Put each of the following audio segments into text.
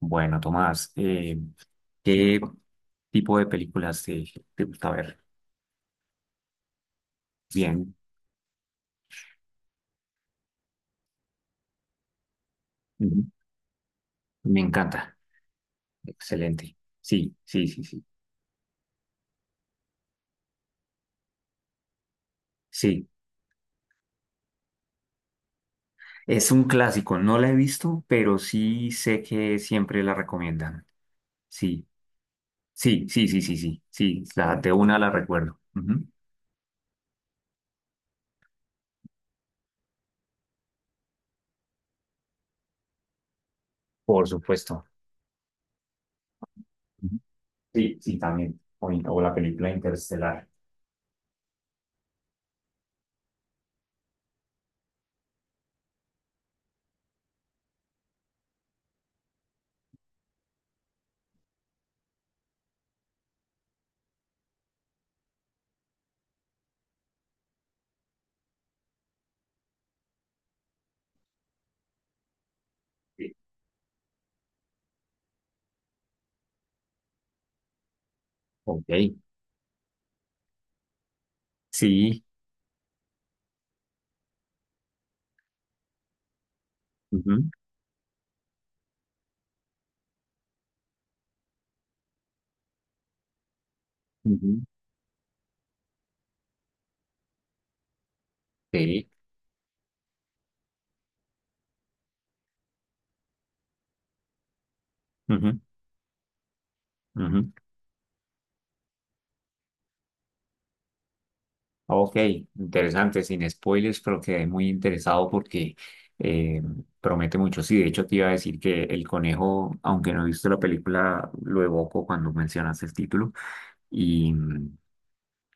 Bueno, Tomás, ¿qué tipo de películas te gusta ver? Bien, ujú. Me encanta. Excelente. Sí, sí, sí, sí. Sí, es un clásico. No la he visto, pero sí sé que siempre la recomiendan. Sí, sí, sí, sí, sí, sí. Sí, la, de una la recuerdo. Ujú. Por supuesto. Ujú. Sí, sí, también. O la película Interestelar. Sí. Ok. Sí. Ujú, ujú. Sí. Ujú, ujú. Ok, interesante, sin spoilers, pero quedé muy interesado porque eh, promete mucho. Sí, de hecho te iba a decir que El Conejo, aunque no he visto la película, lo evoco cuando mencionaste el título y,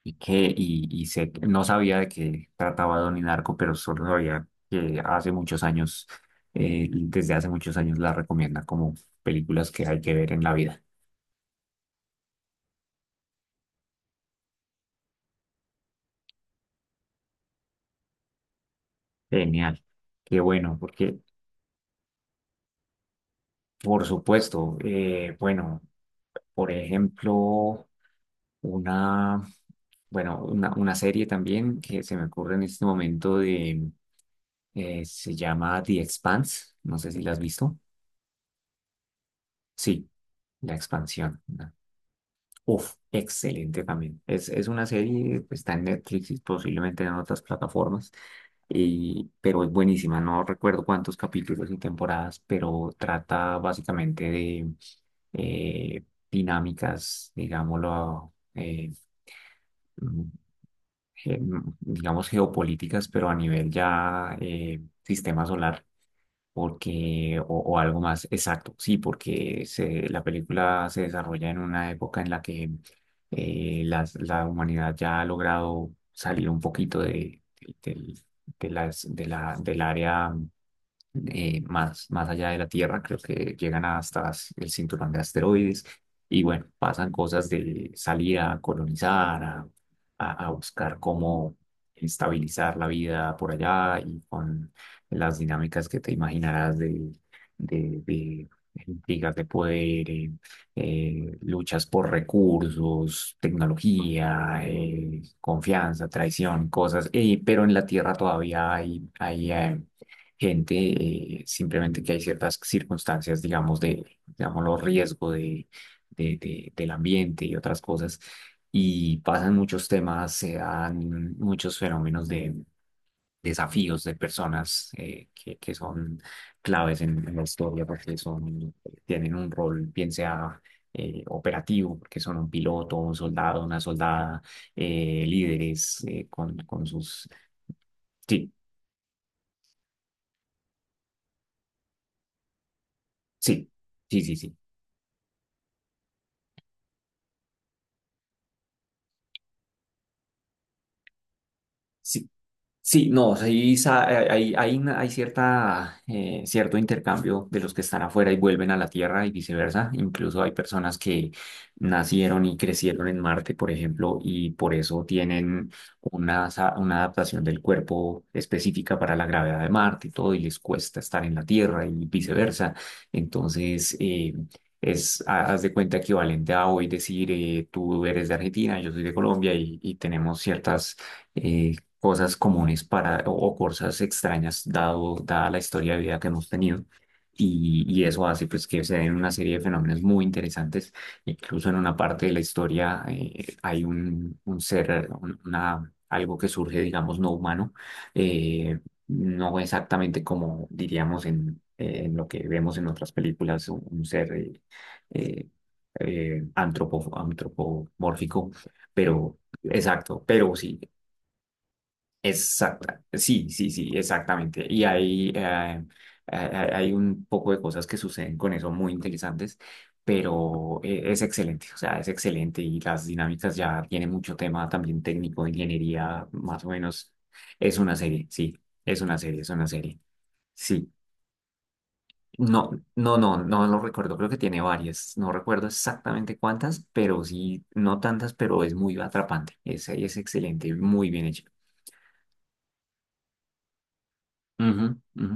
y que y sé no sabía de qué trataba Don Narco, pero solo sabía que hace muchos años, desde hace muchos años la recomienda como películas que hay que ver en la vida. Genial, qué bueno, porque por supuesto, bueno, por ejemplo. Una, bueno, una serie también que se me ocurre en este momento de, se llama The Expanse. No sé si la has visto. Sí, La Expansión, ¿no? Uf, excelente también. Es una serie, pues, está en Netflix y posiblemente en otras plataformas, y, pero es buenísima. No recuerdo cuántos capítulos y temporadas, pero trata básicamente de eh, dinámicas, digámoslo, eh, digamos, geopolíticas, pero a nivel ya sistema solar, porque, o algo más exacto, sí, porque se, la película se desarrolla en una época en la que la humanidad ya ha logrado salir un poquito de, del área más, allá de la Tierra, creo que llegan hasta el cinturón de asteroides y bueno, pasan cosas de salir a colonizar, a buscar cómo estabilizar la vida por allá y con las dinámicas que te imaginarás de intrigas de poder, luchas por recursos, tecnología, confianza, traición, cosas, pero en la Tierra todavía hay, gente, simplemente que hay ciertas circunstancias, digamos, de, los riesgo de, del ambiente y otras cosas, y pasan muchos temas, se dan muchos fenómenos de desafíos de personas que, son claves en la historia porque tienen un rol, bien sea. Operativo, porque son un piloto, un soldado, una soldada, líderes con sus. Sí, sí, sí, sí, sí. Sí, sí, no, sí, hay cierto intercambio de los que están afuera y vuelven a la Tierra y viceversa. Incluso hay personas que nacieron y crecieron en Marte, por ejemplo, y por eso tienen una adaptación del cuerpo específica para la gravedad de Marte y todo, y les cuesta estar en la Tierra y viceversa. Entonces, es, haz de cuenta equivalente a hoy decir, tú eres de Argentina, yo soy de Colombia y tenemos ciertas eh, cosas comunes para, o cosas extrañas dada la historia de vida que hemos tenido. Y eso hace pues que se den una serie de fenómenos muy interesantes. Incluso en una parte de la historia hay un ser, algo que surge, digamos, no humano, eh, no exactamente como diríamos en lo que vemos en otras películas, un ser eh, antropomórfico, pero exacto, pero sí, exacta, sí, sí, sí, exactamente. Y hay un poco de cosas que suceden con eso muy interesantes, pero es excelente, o sea, es excelente y las dinámicas ya tiene mucho tema también técnico, ingeniería, más o menos. Es una serie, sí, es una serie, sí. No, no, no, no lo recuerdo, creo que tiene varias, no recuerdo exactamente cuántas, pero sí, no tantas, pero es muy atrapante, es excelente, muy bien hecho. Ujú, ujú.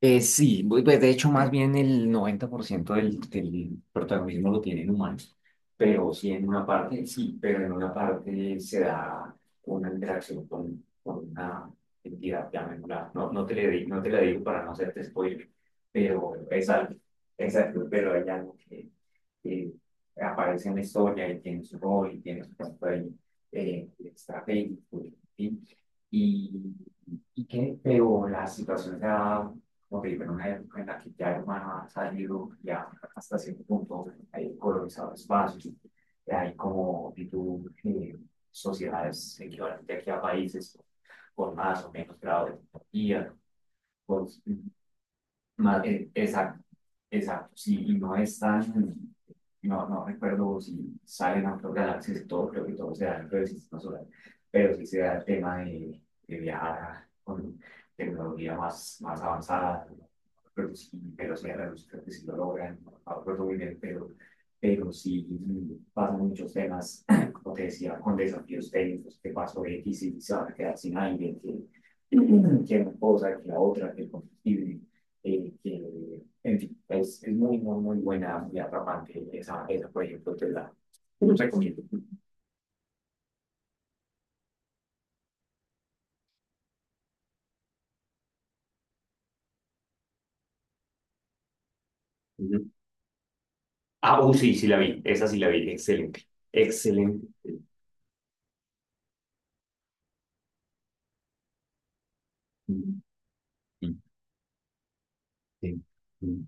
Sí, pues de hecho más bien el 90% del protagonismo lo tienen humanos, pero sí en una parte, sí, pero en una parte se da una interacción con, una entidad, llamémosla, no, no te la digo para no hacerte spoiler, pero es algo, pero hay algo que aparece en la historia y tiene su rol y tiene su papel estratégico, en fin, y, pero la situación se da como te digo, en una época en la que ya el humano ha salido ya hasta cierto punto, hay colonizado espacios, hay como tipo, sociedades equivalentes aquí a países con más o menos grado de tecnología, con exacto, exacto, sí, y no es tan, no recuerdo si salen otras galaxias y todo, creo que todo se da dentro del sistema solar, pero sí se da el tema de, viajar con tecnología más avanzada, pero sí, velocidad de la luz, creo que sí lo logran, no recuerdo muy bien, pero sí pasan muchos temas, como te decía, con desafíos técnicos, que pasó X y se van a quedar sin aire, que, que una cosa, que la otra, que el combustible en fin, es muy, muy, muy buena y atrapante esa por ejemplo, te la recomiendo. Ujú. Ah, uy, sí, sí la vi, esa sí la vi, excelente, excelente. Mm, mm, sí, mm.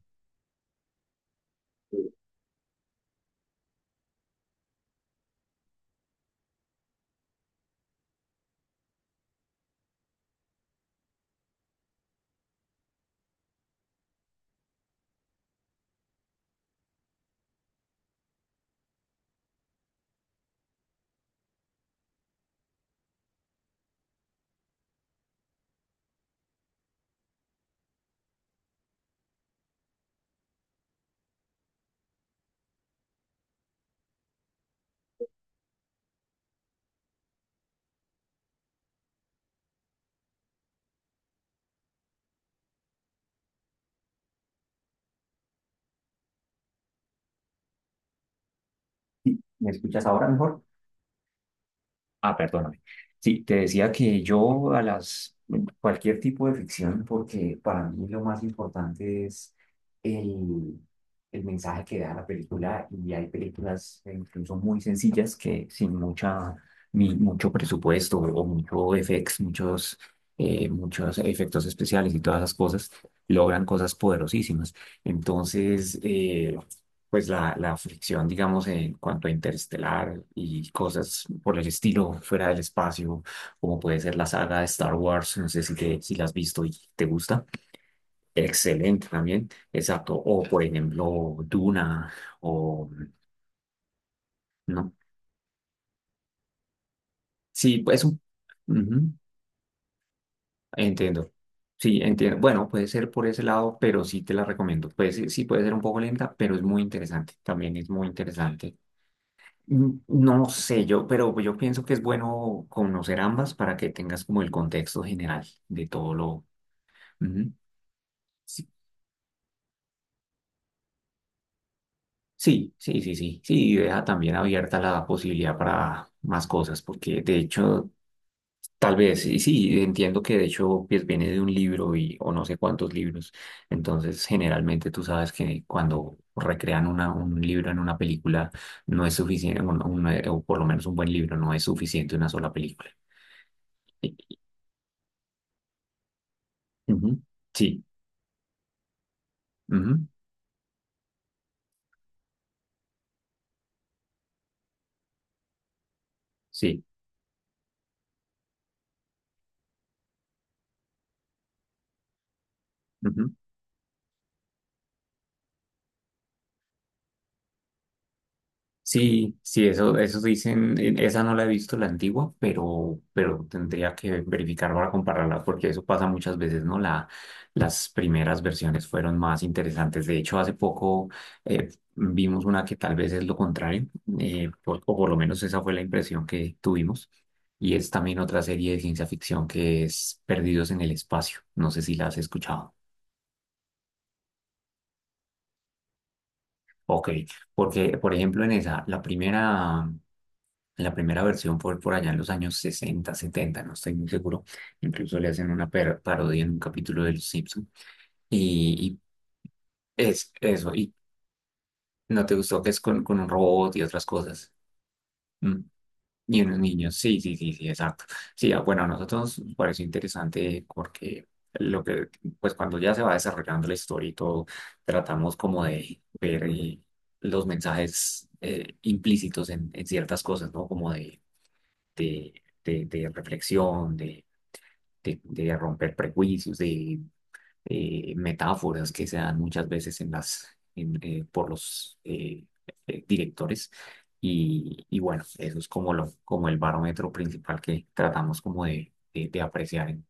¿Me escuchas ahora mejor? Ah, perdóname. Sí, te decía que yo a las cualquier tipo de ficción, porque para mí lo más importante es el, el mensaje que da la película, y hay películas incluso muy sencillas que sin mucha, ni mucho presupuesto o mucho FX, muchos efectos especiales y todas esas cosas, logran cosas poderosísimas. Entonces, pues la fricción, digamos, en cuanto a interestelar y cosas por el estilo fuera del espacio, como puede ser la saga de Star Wars, no sé si la has visto y te gusta. Excelente también, exacto. O por ejemplo, Duna, o no. Sí, pues un. Ujú, entiendo. Sí, entiendo. Bueno, puede ser por ese lado, pero sí te la recomiendo. Pues sí, sí puede ser un poco lenta, pero es muy interesante. También es muy interesante. No sé yo, pero yo pienso que es bueno conocer ambas para que tengas como el contexto general de todo lo. Ujú. Sí, sí, sí, sí, sí, sí, y deja también abierta la posibilidad para más cosas, porque de hecho, tal vez, sí sí, entiendo que de hecho pues, viene de un libro y, o no sé cuántos libros, entonces generalmente tú sabes que cuando recrean un libro en una película, no es suficiente, o por lo menos un buen libro, no es suficiente una sola película. Sí. Ujú. Sí. Ujú, sí, ujú. Sí, sí, eso dicen, esa no la he visto la antigua, pero, tendría que verificar para compararla, porque eso pasa muchas veces, ¿no? Las primeras versiones fueron más interesantes. De hecho, hace poco vimos una que tal vez es lo contrario, o por lo menos esa fue la impresión que tuvimos, y es también otra serie de ciencia ficción que es Perdidos en el Espacio. No sé si la has escuchado. Ok. Porque, por ejemplo, en esa, la primera versión fue por allá en los años 60 setenta, no estoy muy seguro. Incluso le hacen una parodia en un capítulo de Los Simpson. Y, y es eso, y no te gustó que es con un robot y otras cosas. Mm. Y unos niños, sí, sí, sí, sí, exacto. Sí, ah, bueno, a nosotros nos pareció interesante porque lo que, pues cuando ya se va desarrollando la historia y todo, tratamos como de ver los mensajes implícitos en ciertas cosas, ¿no? Como de, de reflexión, de romper prejuicios, de metáforas que se dan muchas veces en las, por los directores. Y bueno, eso es como el barómetro principal que tratamos como de apreciar en,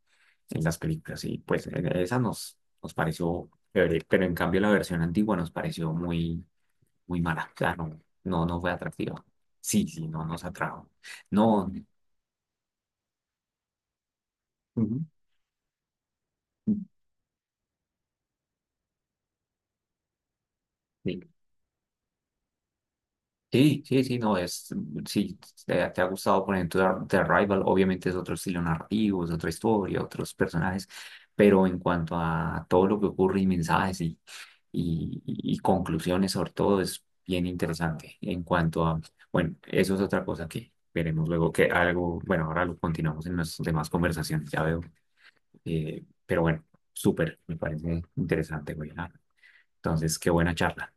en las películas. Y pues en esa nos pareció chévere, pero en cambio la versión antigua nos pareció muy, muy mala. O sea, no, no, no fue atractiva. Sí, sí, no nos atrajo. No, ujú. Sí, sí, sí, sí, no, sí, te ha gustado, por ejemplo, The Arrival, obviamente es otro estilo narrativo, es otra historia, otros personajes, pero en cuanto a todo lo que ocurre y mensajes y conclusiones sobre todo, es bien interesante. En cuanto a, bueno, eso es otra cosa que veremos luego, que algo, bueno, ahora lo continuamos en nuestras demás conversaciones, ya veo, pero bueno, súper, me parece interesante, güey, ah, entonces, qué buena charla.